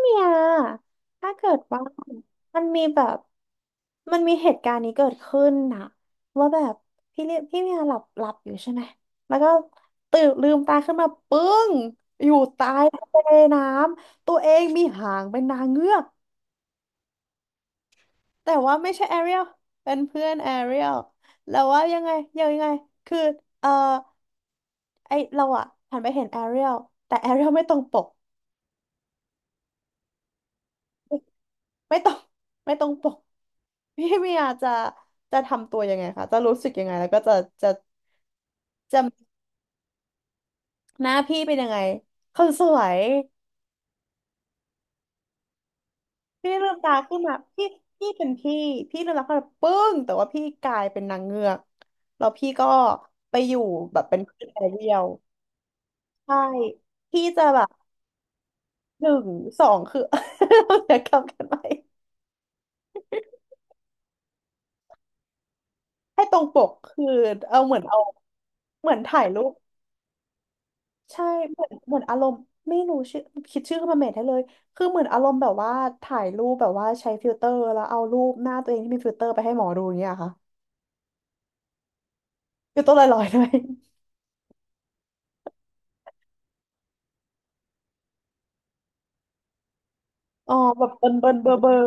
เนี่ยถ้าเกิดว่ามันมีแบบมันมีเหตุการณ์นี้เกิดขึ้นนะว่าแบบพี่เรียพี่เมียหลับอยู่ใช่ไหมแล้วก็ตื่นลืมตาขึ้นมาปึ้งอยู่ใตายทะเลน้ำตัวเองมีหางเป็นนางเงือกแต่ว่าไม่ใช่แอเรียลเป็นเพื่อนแอเรียลแล้วว่ายังไงยังไงคือเออไอเราอะหันไปเห็นแอเรียลแต่แอเรียลไม่ตรงปก ไม่ต้องไม่ต้องปก พี่เมียจะจะทำตัวยังไงคะจะรู้สึกยังไงแล้วก็จะจะหน้าพี่เป็นยังไงคนสวยพี่ลืมตาขึ้นมาพี่เป็นพี่พี่ลืมตาขึ้นมาปึ้งแต่ว่าพี่กลายเป็นนางเงือกแล้วพี่ก็ไปอยู่แบบเป็นคพื่นแอเรียลใช่พี่จะแบบหนึ่งสองคือ เดี๋ยวกลับกันไปให้ตรงปกคือเอาเหมือนเอาเหมือนถ่ายรูป ใช่เหมือนอารมณ์ไม่รู้ชื่อคิดชื่อขึ้นมาเมทให้เลยคือเหมือนอารมณ์แบบว่าถ่ายรูปแบบว่าใช้ฟิลเตอร์แล้วเอารูปหน้าตัวเองที่มีฟิลเตอร์ไปให้หมอดูอย่างเงี้ยค่ะฟิลเตอร์ลอยๆด้วยอ๋อแบบเบิร์นเบอร์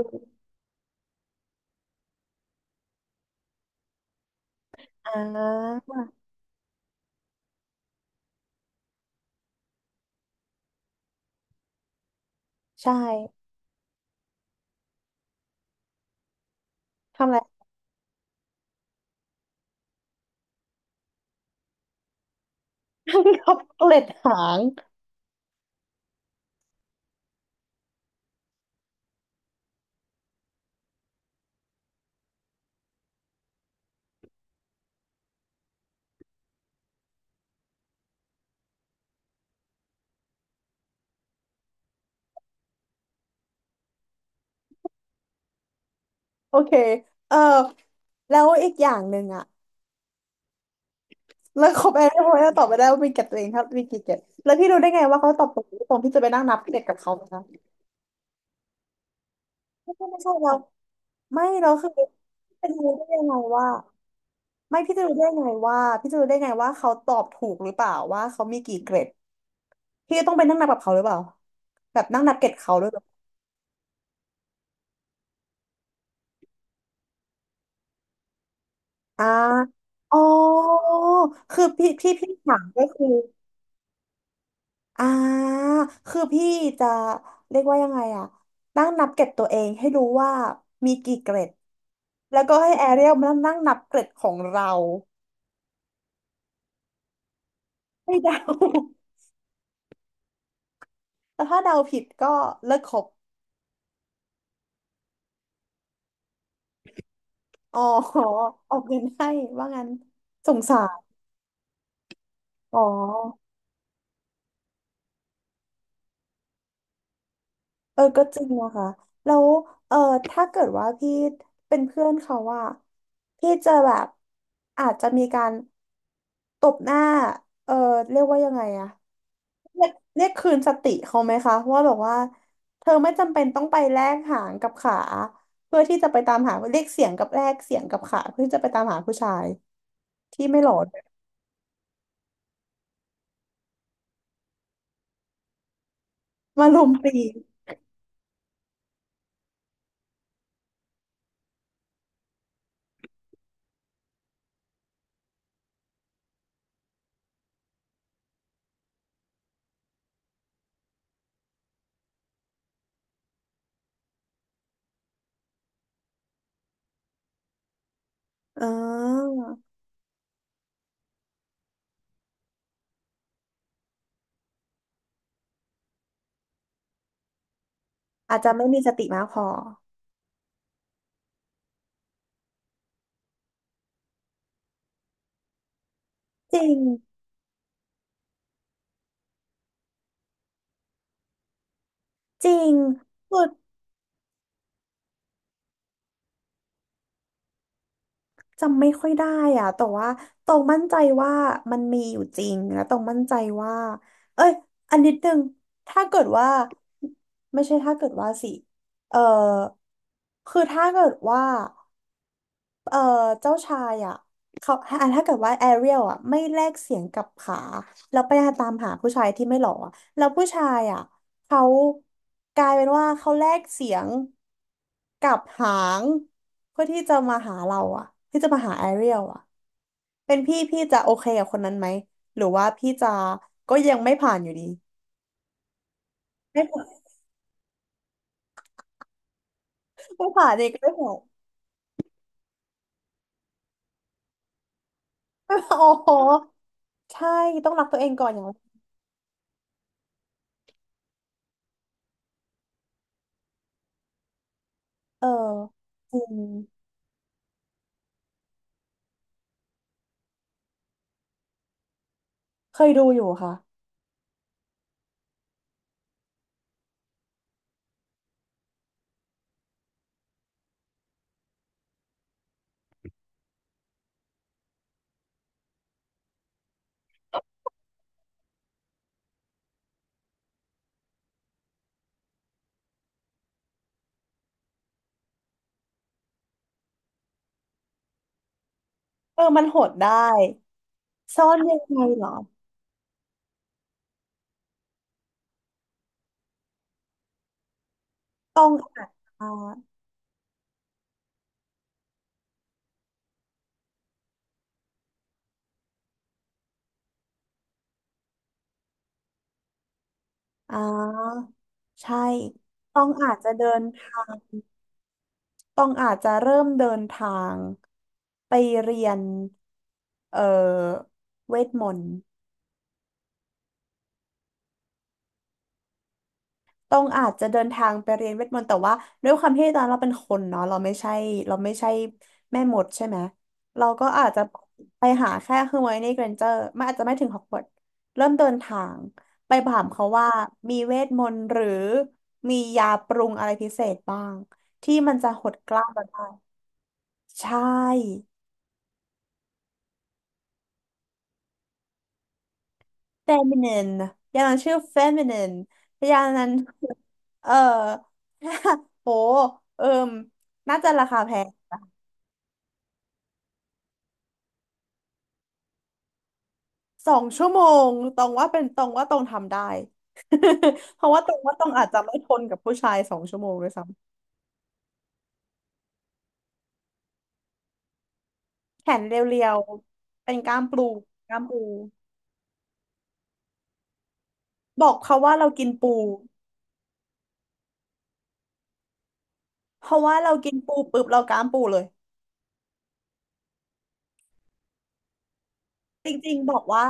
อ่าใช่ทำอะไร ขับ เกล็ดหางโอเคเออแล้วอีกอย่างหนึ่งอะแล้วครบแอนที่ผมจะตอบไปได้ว่ามีเกล็ดตัวเองครับมีกี่เกล็ดแล้วพี่รู้ได้ไงว่าเขาตอบถูกตรงที่จะไปนั่งนับเกล็ดกับเขาไหมคะ ไม่ใช่เราไม่เราคือพี่จะรู้ได้ยังไงว่าไม่พี่จะรู้ได้ยังไงว่าพี่จะรู้ได้ยังไงว่าเขาตอบถูกหรือเปล่าว่าเขามีกี่เกรดพี่จะต้องไปนั่งนับกับเขาหรือเปล่าแบบนั่งนับเกรดเขาด้วยเหรออ่าอ๋อคือพี่ถามก็คืออ่าคือพี่จะเรียกว่ายังไงอะนั่งนับเกรดตัวเองให้รู้ว่ามีกี่เกรดแล้วก็ให้แอเรียลมานั่งนับเกรดของเราให้เดา แต่ถ้าเดาผิดก็เลิกคบอ๋อ ออกเงินให้ว่างั้นสงสารอ๋อก็จริงนะคะแล้วเออถ้าเกิดว่าพี่เป็นเพื่อนเขาว่าพี่จะแบบอาจจะมีการตบหน้าเออเรียกว่ายังไงอะเรียกคืนสติเขาไหมคะว่าแบบว่าเธอไม่จำเป็นต้องไปแลกหางกับขาเพื่อที่จะไปตามหาเรียกเสียงกับแลกเสียงกับขาเพื่อที่จะไปตามหาผู้ชายที่ไม่หล่อ มาลมตีอ๋ออาจจะไม่มีสติมากพอจริงจริงคือจำไม่ค่อยได้อะแต่ว่าตรงมั่นใจว่ามันมีอยู่จริงแล้วตรงมั่นใจว่าเอ้ยอันนิดนึงถ้าเกิดว่าไม่ใช่ถ้าเกิดว่าสิเออคือถ้าเกิดว่า เอ่อเจ้าชายอ่ะเขาอ่ะถ้าเกิดว่าแอเรียลอ่ะไม่แลกเสียงกับขาแล้วไปตามหาผู้ชายที่ไม่หล่ออะแล้วผู้ชายอ่ะเขากลายเป็นว่าเขาแลกเสียงกับหางเพื่อที่จะมาหาเราอ่ะที่จะมาหาแอเรียลอ่ะเป็นพี่พี่จะโอเคกับคนนั้นไหมหรือว่าพี่จะก็ยังไม่ผ่านอยู่ดีไม่ผ่านไม่ผ่านอีกไม่ผ่าน ไม่ผ่าน โอ้โหใช่ต้องรักตัวเองก่อนอย่างแรกเออจริงเคยดูอยู่ค่ะ เออ มันโหดได้ซ่อนยังไงเหรอ ต้องอาจจะอ่าใช่ ต้องอาจจะเดินทาง ต้องอาจจะเริ่มเดินทางไปเรียนเอ่อเวทมนต์ ต้องอาจจะเดินทางไปเรียนเวทมนต์แต่ว่าด้วยความที่ตอนเราเป็นคนเนาะเราไม่ใช่แม่มดใช่ไหมเราก็อาจจะไปหาแค่เือไมโในเกรนเจอร์มันอาจจะไม่ถึงฮอกวอตส์เริ่มเดินทางไปถามเขาว่ามีเวทมนต์หรือมียาปรุงอะไรพิเศษบ้างที่มันจะหดกล้ามเราได้ใช่ feminine ยานั้นชื่อ feminine ยานั้นเออ โหเอิมน่าจะราคาแพง สองชั่วโมงตองว่าเป็นตรงว่าตองทำได้ เพราะว่าตองว่าตองอาจจะไม่ทนกับผู้ชายสองชั่วโมงด้วยซ้ำแขนเรียวๆเป็นกล้ามปูกล้ามปูบอกเขาว่าเรากินปูเพราะว่าเรากินปูปุ๊บเรากล้ามปูเลยจริงๆบอกว่า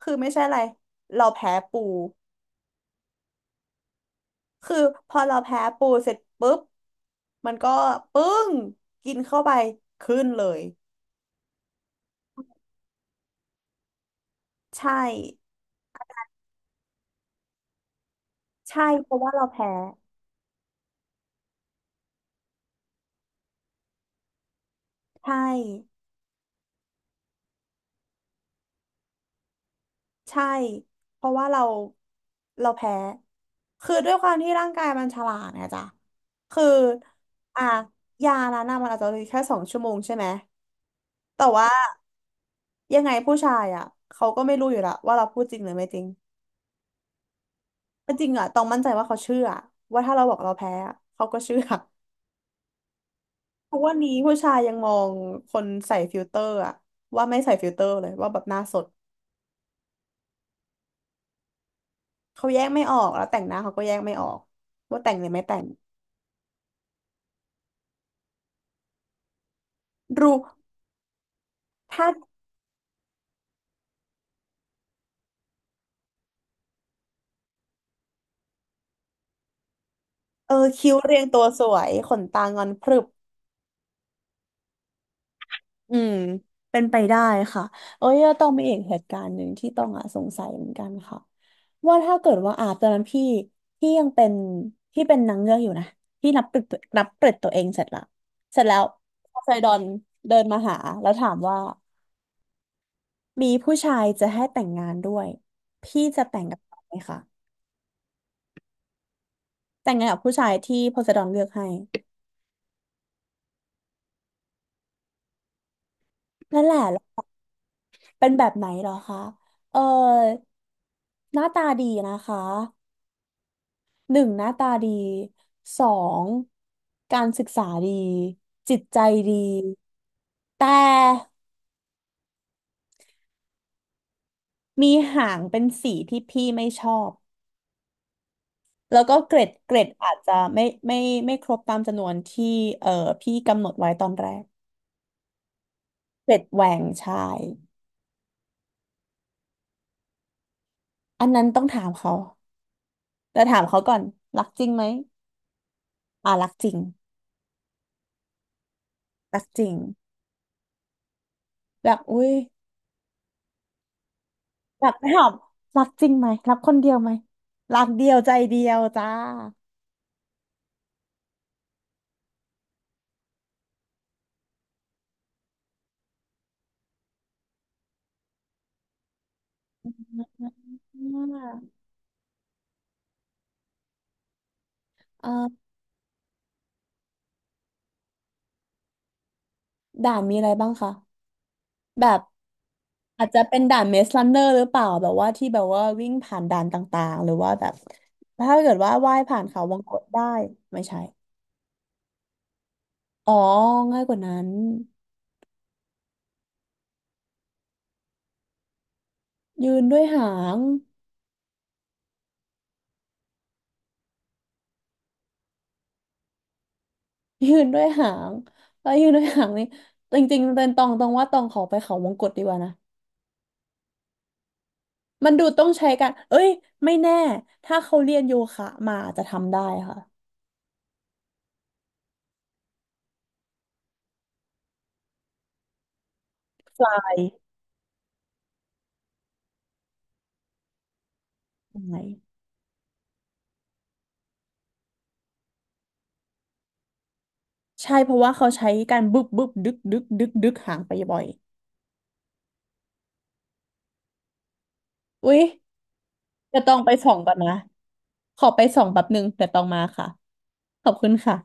คือไม่ใช่อะไรเราแพ้ปูคือพอเราแพ้ปูเสร็จปุ๊บมันก็ปึ้งกินเข้าไปขึ้นเลยใช่ใช่เพราะว่าเราแพ้ใช่ ใช่เพราะว่าเราแพ้คือด้วยความที่ร่างกายมันฉลาดไงจ๊ะคืออ่ะยานั้นน่ะมันอาจจะเหลือแค่2 ชั่วโมงใช่ไหมแต่ว่ายังไงผู้ชายเขาก็ไม่รู้อยู่และวว่าเราพูดจริงหรือไม่จริงแต่จริงต้องมั่นใจว่าเขาเชื่อว่าถ้าเราบอกเราแพ้อะเขาก็เชื่อทุกวันนี้ผู้ชายยังมองคนใส่ฟิลเตอร์ว่าไม่ใส่ฟิลเตอร์เลยว่าแบบหน้าสดเขาแยกไม่ออกแล้วแต่งหน้าเขาก็แยกไม่ออกว่าแต่งหรือไม่แต่งรู้ถ้า เออคิ้วเรียงตัวสวยขนตางอนพรึบอืมเป็นไปได้ค่ะเอ้ยต้องมีอีกเหตุการณ์หนึ่งที่ต้องสงสัยเหมือนกันค่ะว่าถ้าเกิดว่าอาบตอนนั้นพี่ยังเป็นพี่เป็นนางเงือกอยู่นะพี่นับเกลิดตัวเองเสร็จละเสร็จแล้วพอไซดอนเดินมาหาแล้วถามว่ามีผู้ชายจะให้แต่งงานด้วยพี่จะแต่งกับเขาไหมคะแต่งงานกับผู้ชายที่โพไซดอนเลือกให้นั่นแหละ เป็นแบบไหนเหรอคะ เอ่อหน้าตาดีนะคะ หนึ่งหน้าตาดีสอง การศึกษาดี จิตใจดี แต่มีหางเป็นสีที่พี่ไม่ชอบ แล้วก็เกรดอาจจะไม่ครบตามจำนวนที่เอ่อพี่กำหนดไว้ตอนแรกเกรดแหว่งใช่อันนั้นต้องถามเขาแต่ถามเขาก่อน รักจริงไหม อ่ารักจริงรักจริงแบบอุ้ย แบบไม่หอมรักจริงไหมรักคนเดียวไหมรักเดียวใจเดียวจ้าอ่าเอ่อด่านมีอะไรบ้างคะแบบอาจจะเป็นด่านเมสลันเนอร์หรือเปล่าแบบว่าที่แบบว่าวิ่งผ่านด่านต่างๆหรือว่าแบบถ้าเกิดว่าว่ายผ่านเขาวงกตได้ไม่ใช่อ๋อง่ายกว่านั้นยืนด้วยหาง ยืนด้วยหางแล้วยืนด้วยหางนี่จริงๆเป็นตองตองว่าตองขอไปเขาวงกตดีกว่านะ มันดูต้องใช้กัน เอ้ย ไม่แน่ ถ้าเขาเรียนโยคะมาอาจจะทำได้ค่ะไปยังไงใช่ เพราะว่าเขาใช้การบึบบึบดึกดึกดึกดึกหางไปบ่อยอุ๊ยจะตองไปส่องก่อนนะ ขอไปส่องแป๊บนึงแต่ตองมาค่ะ ขอบคุณค่ะ